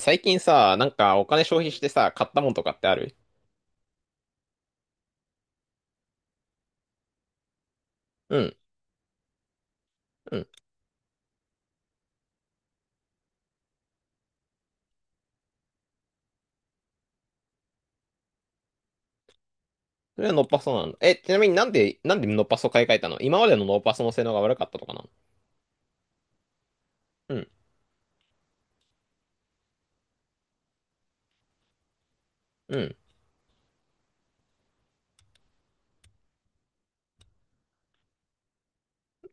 最近さ、なんかお金消費してさ、買ったもんとかってある？うん、うん。それはノッパソなんだ。え、ちなみになんでノッパソ買い替えたの？今までのノッパソの性能が悪かったとかなの？うん、うん。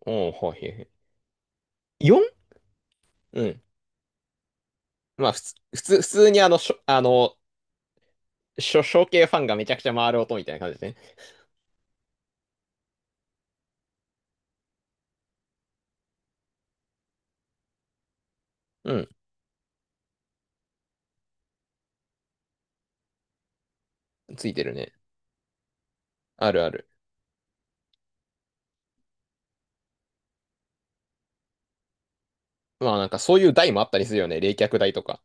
おお、はいはいはい。4？ うん。まあ、普通にあの、しょ、あの、しょ、小系ファンがめちゃくちゃ回る音みたいな感じでね。うん。ついてるね。あるある。まあなんかそういう台もあったりするよね。冷却台とか。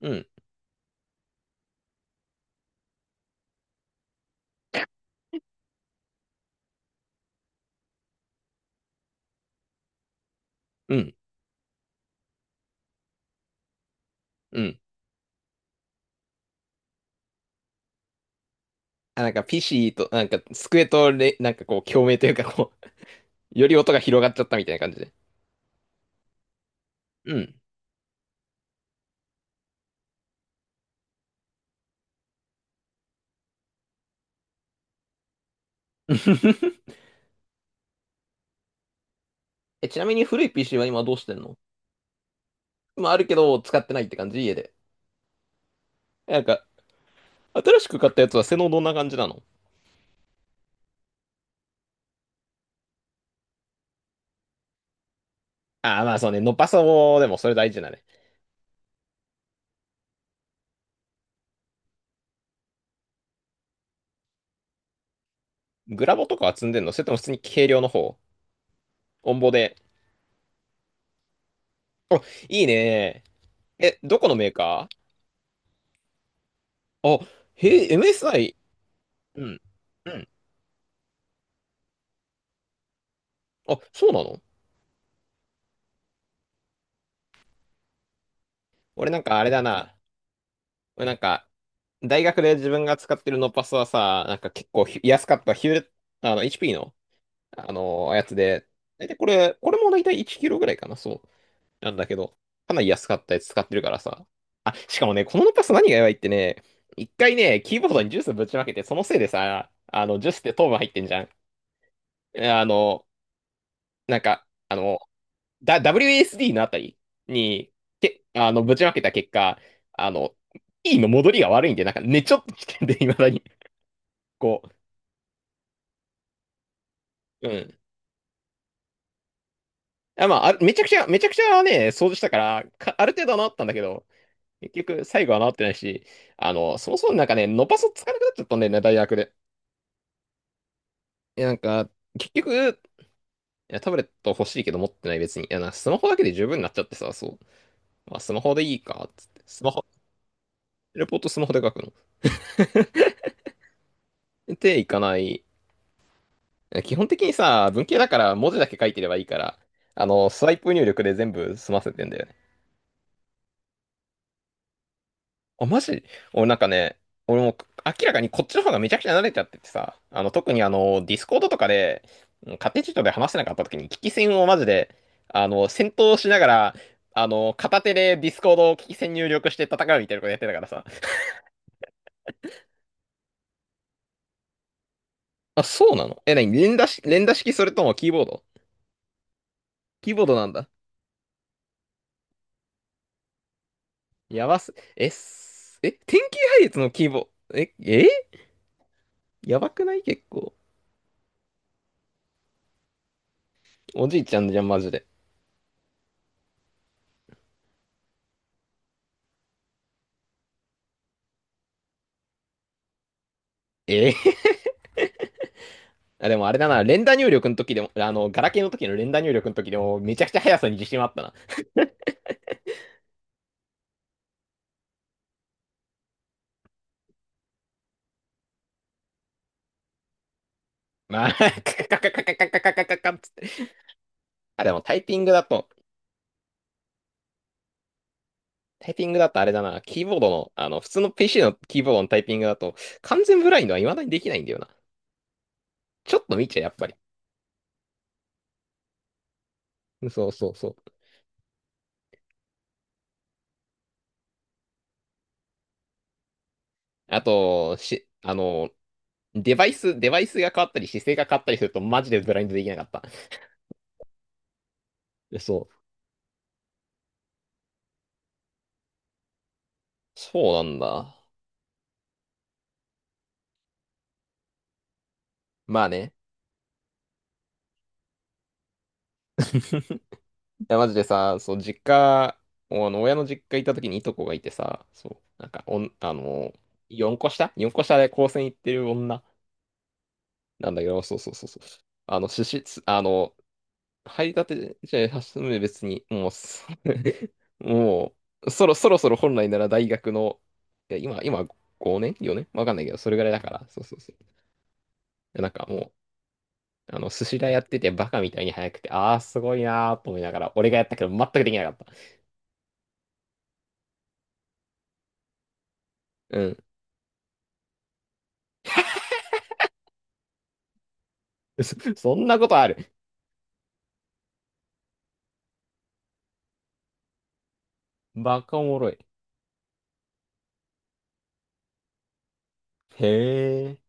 うん、うん、うん。あ、なんか PC と、なんか机とれ、なんかこう、共鳴というかこう、より音が広がっちゃったみたいな感じで。うん。 え、ちなみに古い PC は今どうしてんの？まあ、あるけど、使ってないって感じ家で。なんか、新しく買ったやつは性能どんな感じなの？ああ、まあそうね、ノパソでもそれ大事だね。グラボとかは積んでんの？それとも普通に軽量の方？オンボで。お、いいね。え、どこのメーカー？あ、へえ、MSI。うん、うん。あ、そうなの？俺なんかあれだな。俺なんか、大学で自分が使ってるノパソはさ、なんか結構安かったヒューレット、あの、HP のあの、やつで、大体これも大体1キロぐらいかな、そう。なんだけど、かなり安かったやつ使ってるからさ。あ、しかもね、このノパス何がやばいってね、一回ね、キーボードにジュースぶちまけて、そのせいでさ、あの、ジュースって糖分入ってんじゃん。あの、なんか、あの、WSD のあたりに、あの、ぶちまけた結果、あの、E の戻りが悪いんで、なんか、ね、ちょっと危険で、未だに、こう、うん。あ、まあ、あれめちゃくちゃね、掃除したから、ある程度は治ったんだけど、結局、最後は治ってないし、あの、そもそもなんかね、伸ばすつかなくなっちゃったんだよね、大学で。いや、なんか、結局、いや、タブレット欲しいけど持ってない別に。いや、スマホだけで十分になっちゃってさ、そう。まあ、スマホでいいか、つって。スマホ、レポートスマホで書くの。っていかない。基本的にさ、文系だから文字だけ書いてればいいから、あの、スワイプ入力で全部済ませてんだよね。あ、マジ？俺なんかね、俺も明らかにこっちの方がめちゃくちゃ慣れちゃっててさ、あの、特にあの、ディスコードとかで、うん家庭チートで話せなかった時に、危機戦をマジで、あの、戦闘しながら、あの、片手でディスコードを危機戦入力して戦うみたいなことやってたからさ。あ、そうなの？え、なに、連打式？それともキーボード？キーボードなんだ。やばす、え、すえ、天気配列のキーボード、え、え、やばくない結構？おじいちゃんじゃん、マジで。え、あ、でもあれだな、連打入力の時でも、あの、ガラケーの時の連打入力の時でも、めちゃくちゃ速さに自信はあったな。まあ、カカカカカカカカカカカっつって。あ、でもタイピングだと、あれだな、キーボードの、あの、普通の PC のキーボードのタイピングだと、完全ブラインドは未だにできないんだよな。ちょっと見ちゃう、やっぱり。そうそうそう。あと、あの、デバイスが変わったり、姿勢が変わったりすると、マジでブラインドできなかった。そう。そうなんだ。まあね。や、マジでさ、そう、実家、あの親の実家行った時にいとこがいてさ、そう、なんか、おん、あの、4個下？ 4 個下で高専行ってる女なんだけど、そうそうそうそう。あの、あの、入りたてじゃ初め別に、もう、もう、そろそろ本来なら大学の、いや、今、5年？ 4 年わかんないけど、それぐらいだから、そうそうそう。でなんかもう、あの、寿司屋やっててバカみたいに早くて、ああ、すごいなーと思いながら、俺がやったけど全くできなかった。うん。 そそんなことある。バカおもろい。へえ。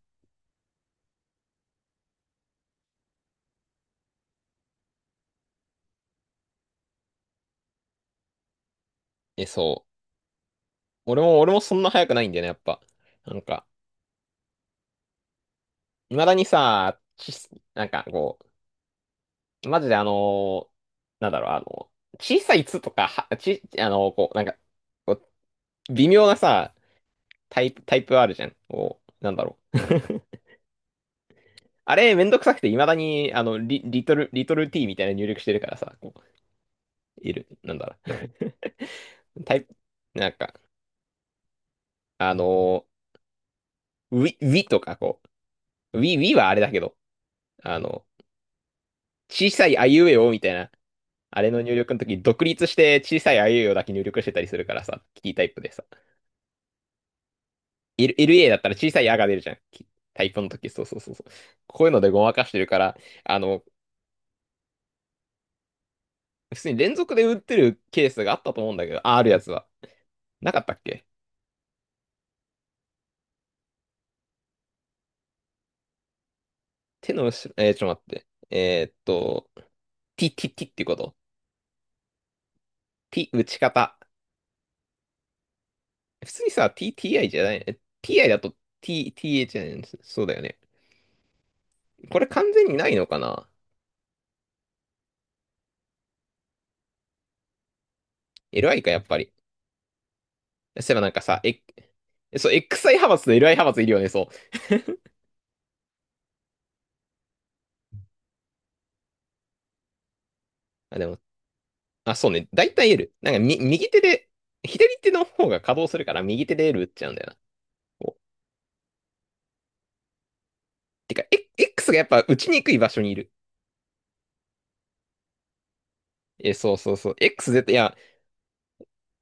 え、そう。俺もそんな速くないんだよね、やっぱ。なんか、未だにさ、なんかこう、マジでーなんだろう、あの、小さい「つ」とか、あのこう、なんか、こう微妙なさ、タイプあるじゃん。こう、なんだろう。あれ、めんどくさくて、未だに、あの、リトル T みたいな入力してるからさ、こう、いる、なんだろう。タイプ、なんか、あのウィとか、こう、Wii はあれだけど、あの、小さいあいうえおみたいな、あれの入力の時、独立して小さいあいうえおだけ入力してたりするからさ、キータイプでさ。L、LA だったら小さいあが出るじゃん。キタイプの時、そうそうそうそう。こういうのでごまかしてるから、あの、普通に連続で打ってるケースがあったと思うんだけど、あ、あるやつは。なかったっけ？手の後ろ、ちょっと待って。えーっと、t, t, t っていうこと？ t、打ち方。普通にさ、t, ti じゃない。え ti だと t, th じゃない。そうだよね。これ完全にないのかな？ LI か、やっぱり。そういえばなんかさ、え、そう、XI 派閥と LI 派閥いるよね、そう。あ、でも、あ、そうね。だいたい L。なんか、右手で、左手の方が稼働するから、右手で L 打っちゃうんだよな。こてか、え、 X がやっぱ打ちにくい場所にいる。え、そうそうそう。XZ、いや、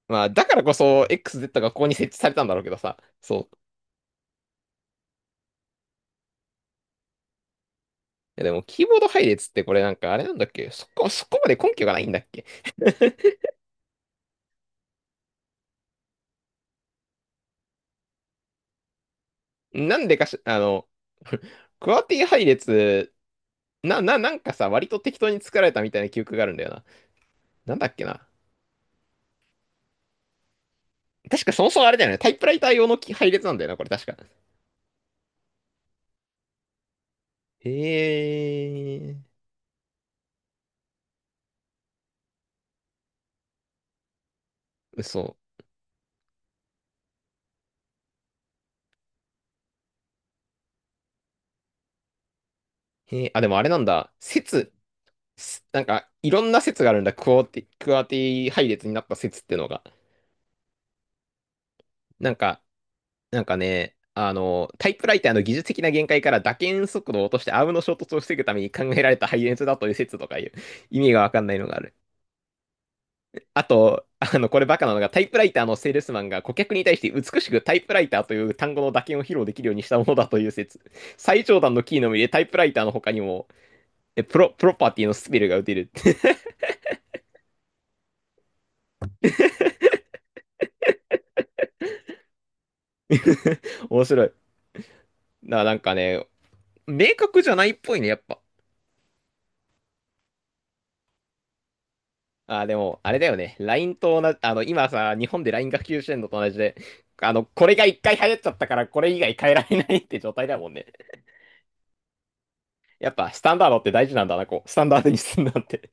まあ、だからこそ、XZ がここに設置されたんだろうけどさ。そう。いや、でも、キーボード配列ってこれなんか、あれなんだっけ？そこまで根拠がないんだっけ？ なんでかし、あの、クワーティ配列なんかさ、割と適当に作られたみたいな記憶があるんだよな。なんだっけな。確かそもそもあれだよね。タイプライター用の配列なんだよな、これ確か。へえ、嘘。へえ、あ、でもあれなんだ。説、なんか、いろんな説があるんだ。クアーティ配列になった説ってのが。なんか、なんかね、あの、タイプライターの技術的な限界から打鍵速度を落としてアームの衝突を防ぐために考えられた配列だという説とかいう意味がわかんないのがある。あと、あの、これバカなのが、タイプライターのセールスマンが顧客に対して美しくタイプライターという単語の打鍵を披露できるようにしたものだという説。最上段のキーのみでタイプライターの他にも、え、プロパティのスペルが打てる。面白い。なんかね、明確じゃないっぽいね、やっぱ。あー、でも、あれだよね。LINE と同じ、あの、今さ、日本で LINE が普及してんのと同じで、あの、これが一回流行っちゃったから、これ以外変えられないって状態だもんね。やっぱ、スタンダードって大事なんだな、こう。スタンダードにすんなんて。